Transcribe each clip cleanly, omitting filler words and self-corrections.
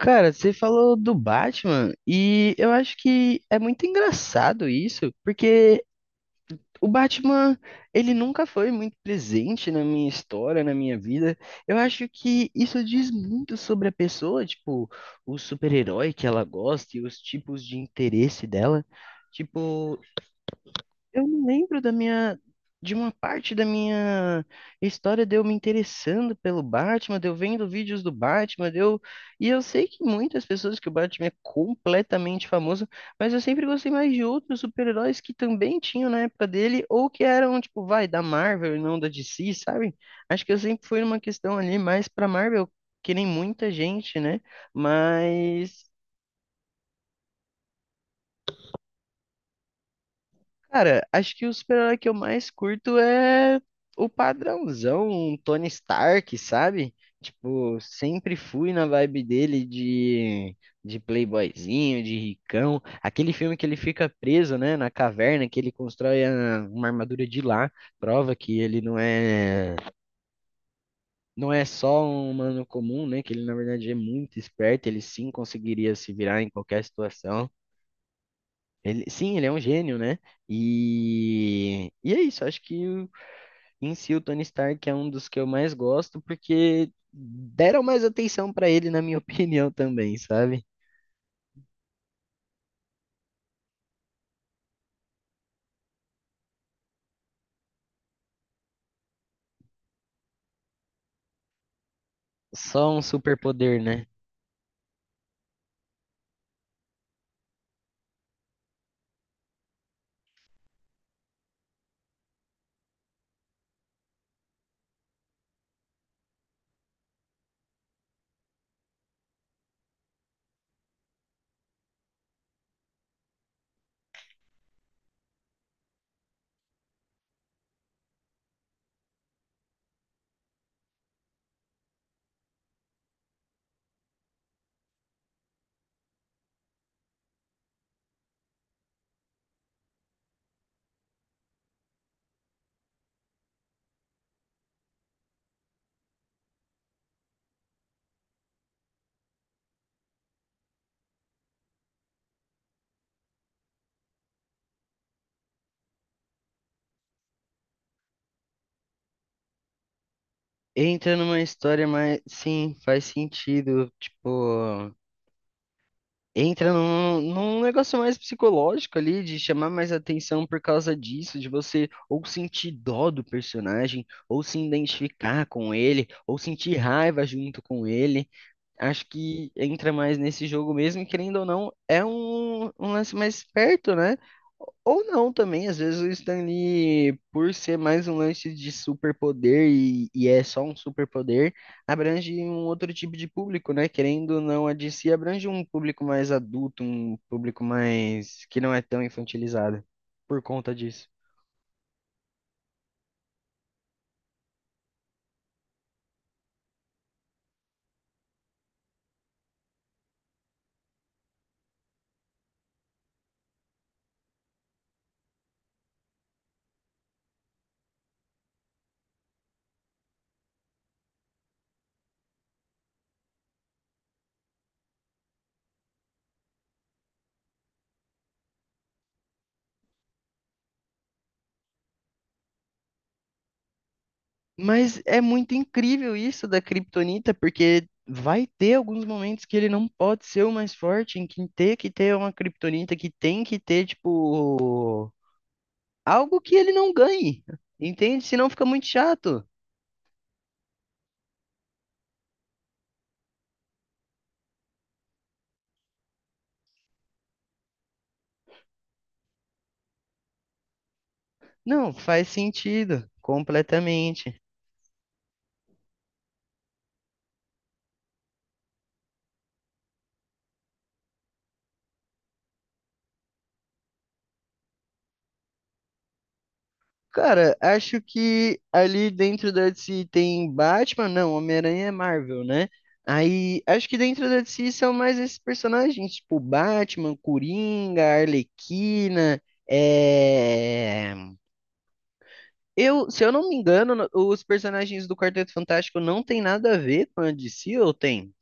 Cara, você falou do Batman e eu acho que é muito engraçado isso, porque o Batman, ele nunca foi muito presente na minha história, na minha vida. Eu acho que isso diz muito sobre a pessoa, tipo, o super-herói que ela gosta e os tipos de interesse dela. Tipo, eu não lembro de uma parte da minha história de eu me interessando pelo Batman, de eu vendo vídeos do Batman, de eu... E eu sei que muitas pessoas que o Batman é completamente famoso, mas eu sempre gostei mais de outros super-heróis que também tinham na época dele, ou que eram, tipo, vai, da Marvel e não da DC, sabe? Acho que eu sempre fui numa questão ali mais pra Marvel, que nem muita gente, né? Mas... Cara, acho que o super-herói que eu mais curto é o padrãozão, um Tony Stark, sabe? Tipo, sempre fui na vibe de playboyzinho, de ricão. Aquele filme que ele fica preso, né, na caverna, que ele constrói uma armadura de lá, prova que ele não é, não é só um humano comum, né? Que ele, na verdade, é muito esperto, ele sim conseguiria se virar em qualquer situação. Ele, sim, ele é um gênio, né? E é isso, acho que em si o Tony Stark é um dos que eu mais gosto, porque deram mais atenção pra ele, na minha opinião, também, sabe? Só um superpoder, né? Entra numa história mais. Sim, faz sentido. Tipo, entra num negócio mais psicológico ali, de chamar mais atenção por causa disso, de você ou sentir dó do personagem, ou se identificar com ele, ou sentir raiva junto com ele. Acho que entra mais nesse jogo mesmo, e querendo ou não, é um lance mais perto, né? Ou não também, às vezes o Stan Lee, por ser mais um lance de superpoder e é só um superpoder, abrange um outro tipo de público, né? Querendo ou não, a DC abrange um público mais adulto, um público mais que não é tão infantilizado por conta disso. Mas é muito incrível isso da Kryptonita, porque vai ter alguns momentos que ele não pode ser o mais forte, em que ter uma Kryptonita que tem que ter, tipo, algo que ele não ganhe, entende? Senão fica muito chato. Não, faz sentido, completamente. Cara, acho que ali dentro da DC tem Batman, não, Homem-Aranha é Marvel, né? Aí, acho que dentro da DC são mais esses personagens, tipo Batman, Coringa, Arlequina, é... Eu, se eu não me engano, os personagens do Quarteto Fantástico não tem nada a ver com a DC, ou tem?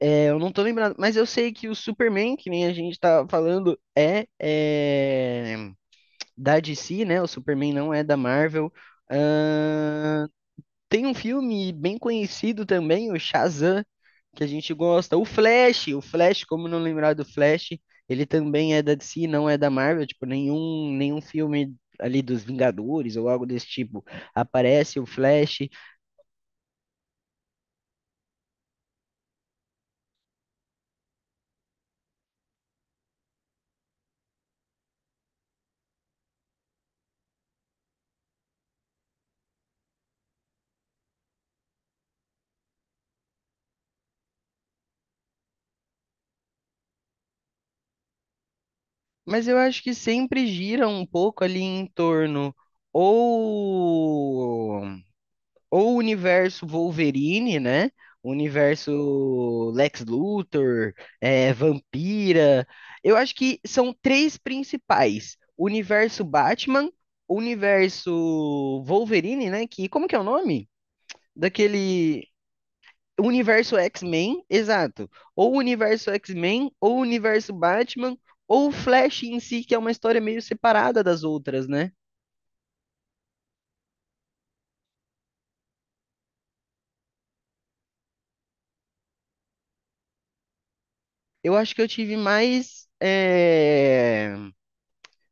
É, eu não tô lembrado, mas eu sei que o Superman, que nem a gente tá falando, é da DC, né? O Superman não é da Marvel. Ahn, Tem um filme bem conhecido também, o Shazam, que a gente gosta. O Flash, como não lembrar do Flash, ele também é da DC, não é da Marvel, tipo, nenhum filme ali dos Vingadores ou algo desse tipo aparece o Flash, mas eu acho que sempre gira um pouco ali em torno ou ou o universo Wolverine, né? O universo Lex Luthor, é, Vampira. Eu acho que são três principais: o universo Batman, o universo Wolverine, né? Que como que é o nome? Daquele o universo X-Men, exato. Ou o universo X-Men, ou o universo Batman, ou o Flash em si, que é uma história meio separada das outras, né? Eu acho que eu tive mais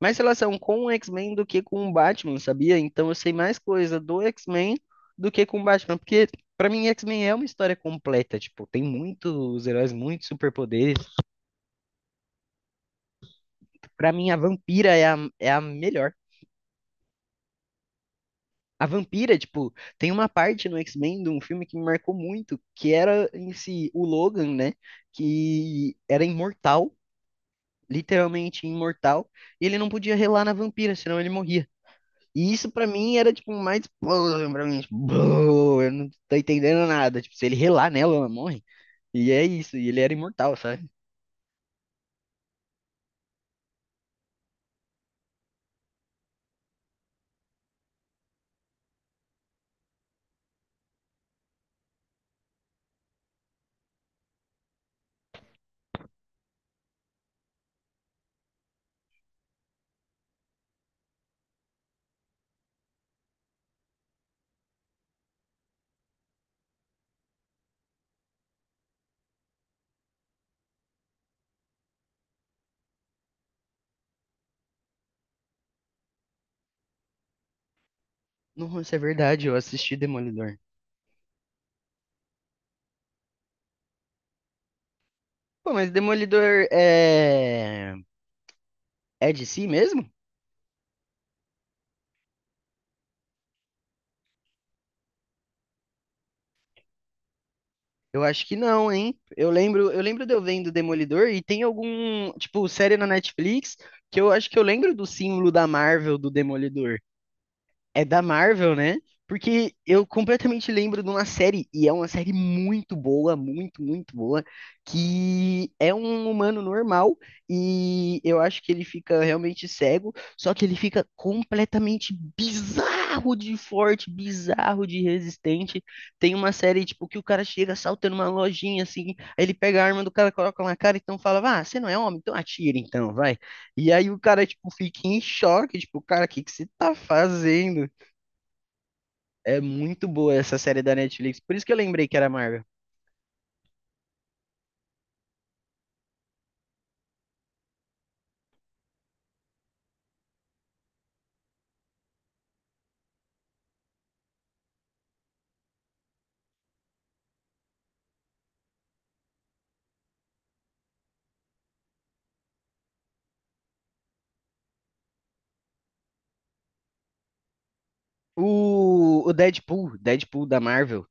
mais relação com o X-Men do que com o Batman, sabia? Então eu sei mais coisa do X-Men do que com o Batman, porque pra mim X-Men é uma história completa, tipo, tem muitos heróis, muitos superpoderes. Pra mim a vampira é é a melhor. A vampira, tipo, tem uma parte no X-Men de um filme que me marcou muito, que era em si o Logan, né? Que era imortal, literalmente imortal, e ele não podia relar na vampira, senão ele morria. E isso pra mim era tipo mais explosão pra mim, tipo, "Bô, eu não tô entendendo nada. Tipo, se ele relar nela, ela morre. E é isso, e ele era imortal, sabe? Nossa, é verdade, eu assisti Demolidor. Pô, mas Demolidor é é de si mesmo? Eu acho que não, hein? Eu lembro de eu vendo Demolidor e tem algum, tipo, série na Netflix que eu acho que eu lembro do símbolo da Marvel do Demolidor. É da Marvel, né? Porque eu completamente lembro de uma série, e é uma série muito boa, muito boa, que é um humano normal, e eu acho que ele fica realmente cego, só que ele fica completamente bizarro de forte, bizarro de resistente. Tem uma série, tipo, que o cara chega saltando uma lojinha, assim, aí ele pega a arma do cara, coloca na cara, então fala, ah, você não é homem, então atira, então, vai. E aí o cara, tipo, fica em choque, tipo, cara, o que que você tá fazendo? É muito boa essa série da Netflix. Por isso que eu lembrei que era Marvel. O Deadpool, Deadpool da Marvel.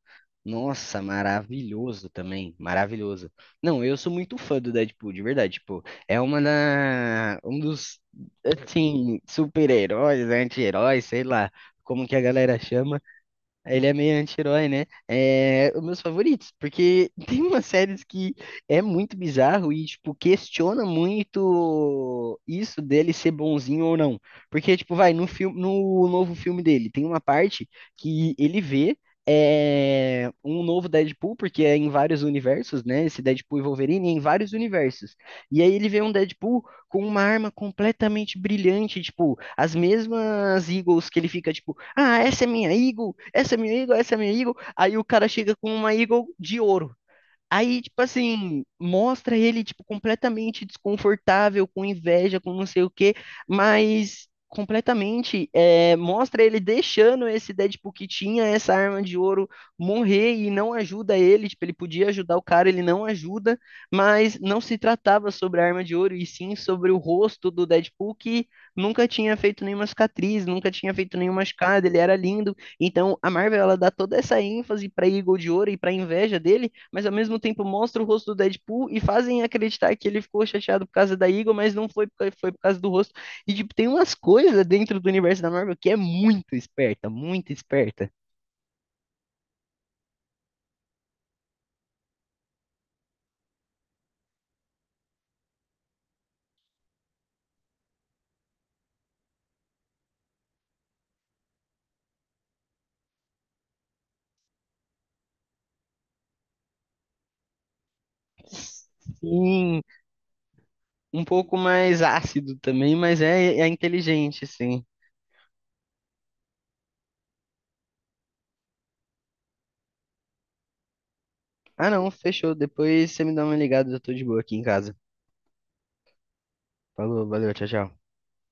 Nossa, maravilhoso também, maravilhoso. Não, eu sou muito fã do Deadpool, de verdade, tipo, é um dos, assim, super-heróis, anti-heróis, sei lá, como que a galera chama, ele é meio anti-herói, né? É um dos meus favoritos, porque tem umas séries que é muito bizarro e, tipo, questiona muito isso dele ser bonzinho ou não. Porque, tipo, vai, no filme, no novo filme dele, tem uma parte que ele vê um novo Deadpool, porque é em vários universos, né? Esse Deadpool e Wolverine é em vários universos. E aí ele vê um Deadpool com uma arma completamente brilhante, tipo, as mesmas Eagles que ele fica, tipo, ah, essa é minha Eagle, essa é minha Eagle, essa é minha Eagle. Aí o cara chega com uma Eagle de ouro. Aí, tipo assim, mostra ele, tipo, completamente desconfortável, com inveja, com não sei o quê, mas completamente, mostra ele deixando esse Deadpool que tinha essa arma de ouro morrer e não ajuda ele, tipo, ele podia ajudar o cara, ele não ajuda, mas não se tratava sobre a arma de ouro, e sim sobre o rosto do Deadpool que nunca tinha feito nenhuma cicatriz, nunca tinha feito nenhuma machucado, ele era lindo, então a Marvel, ela dá toda essa ênfase pra Eagle de Ouro e pra inveja dele, mas ao mesmo tempo mostra o rosto do Deadpool e fazem acreditar que ele ficou chateado por causa da Eagle, mas não foi, foi por causa do rosto. E, tipo, tem umas coisas dentro do universo da Marvel que é muito esperta, muito esperta. Sim, um pouco mais ácido também, mas é inteligente, sim. Ah, não, fechou. Depois você me dá uma ligada, eu tô de boa aqui em casa. Falou, valeu, tchau, tchau.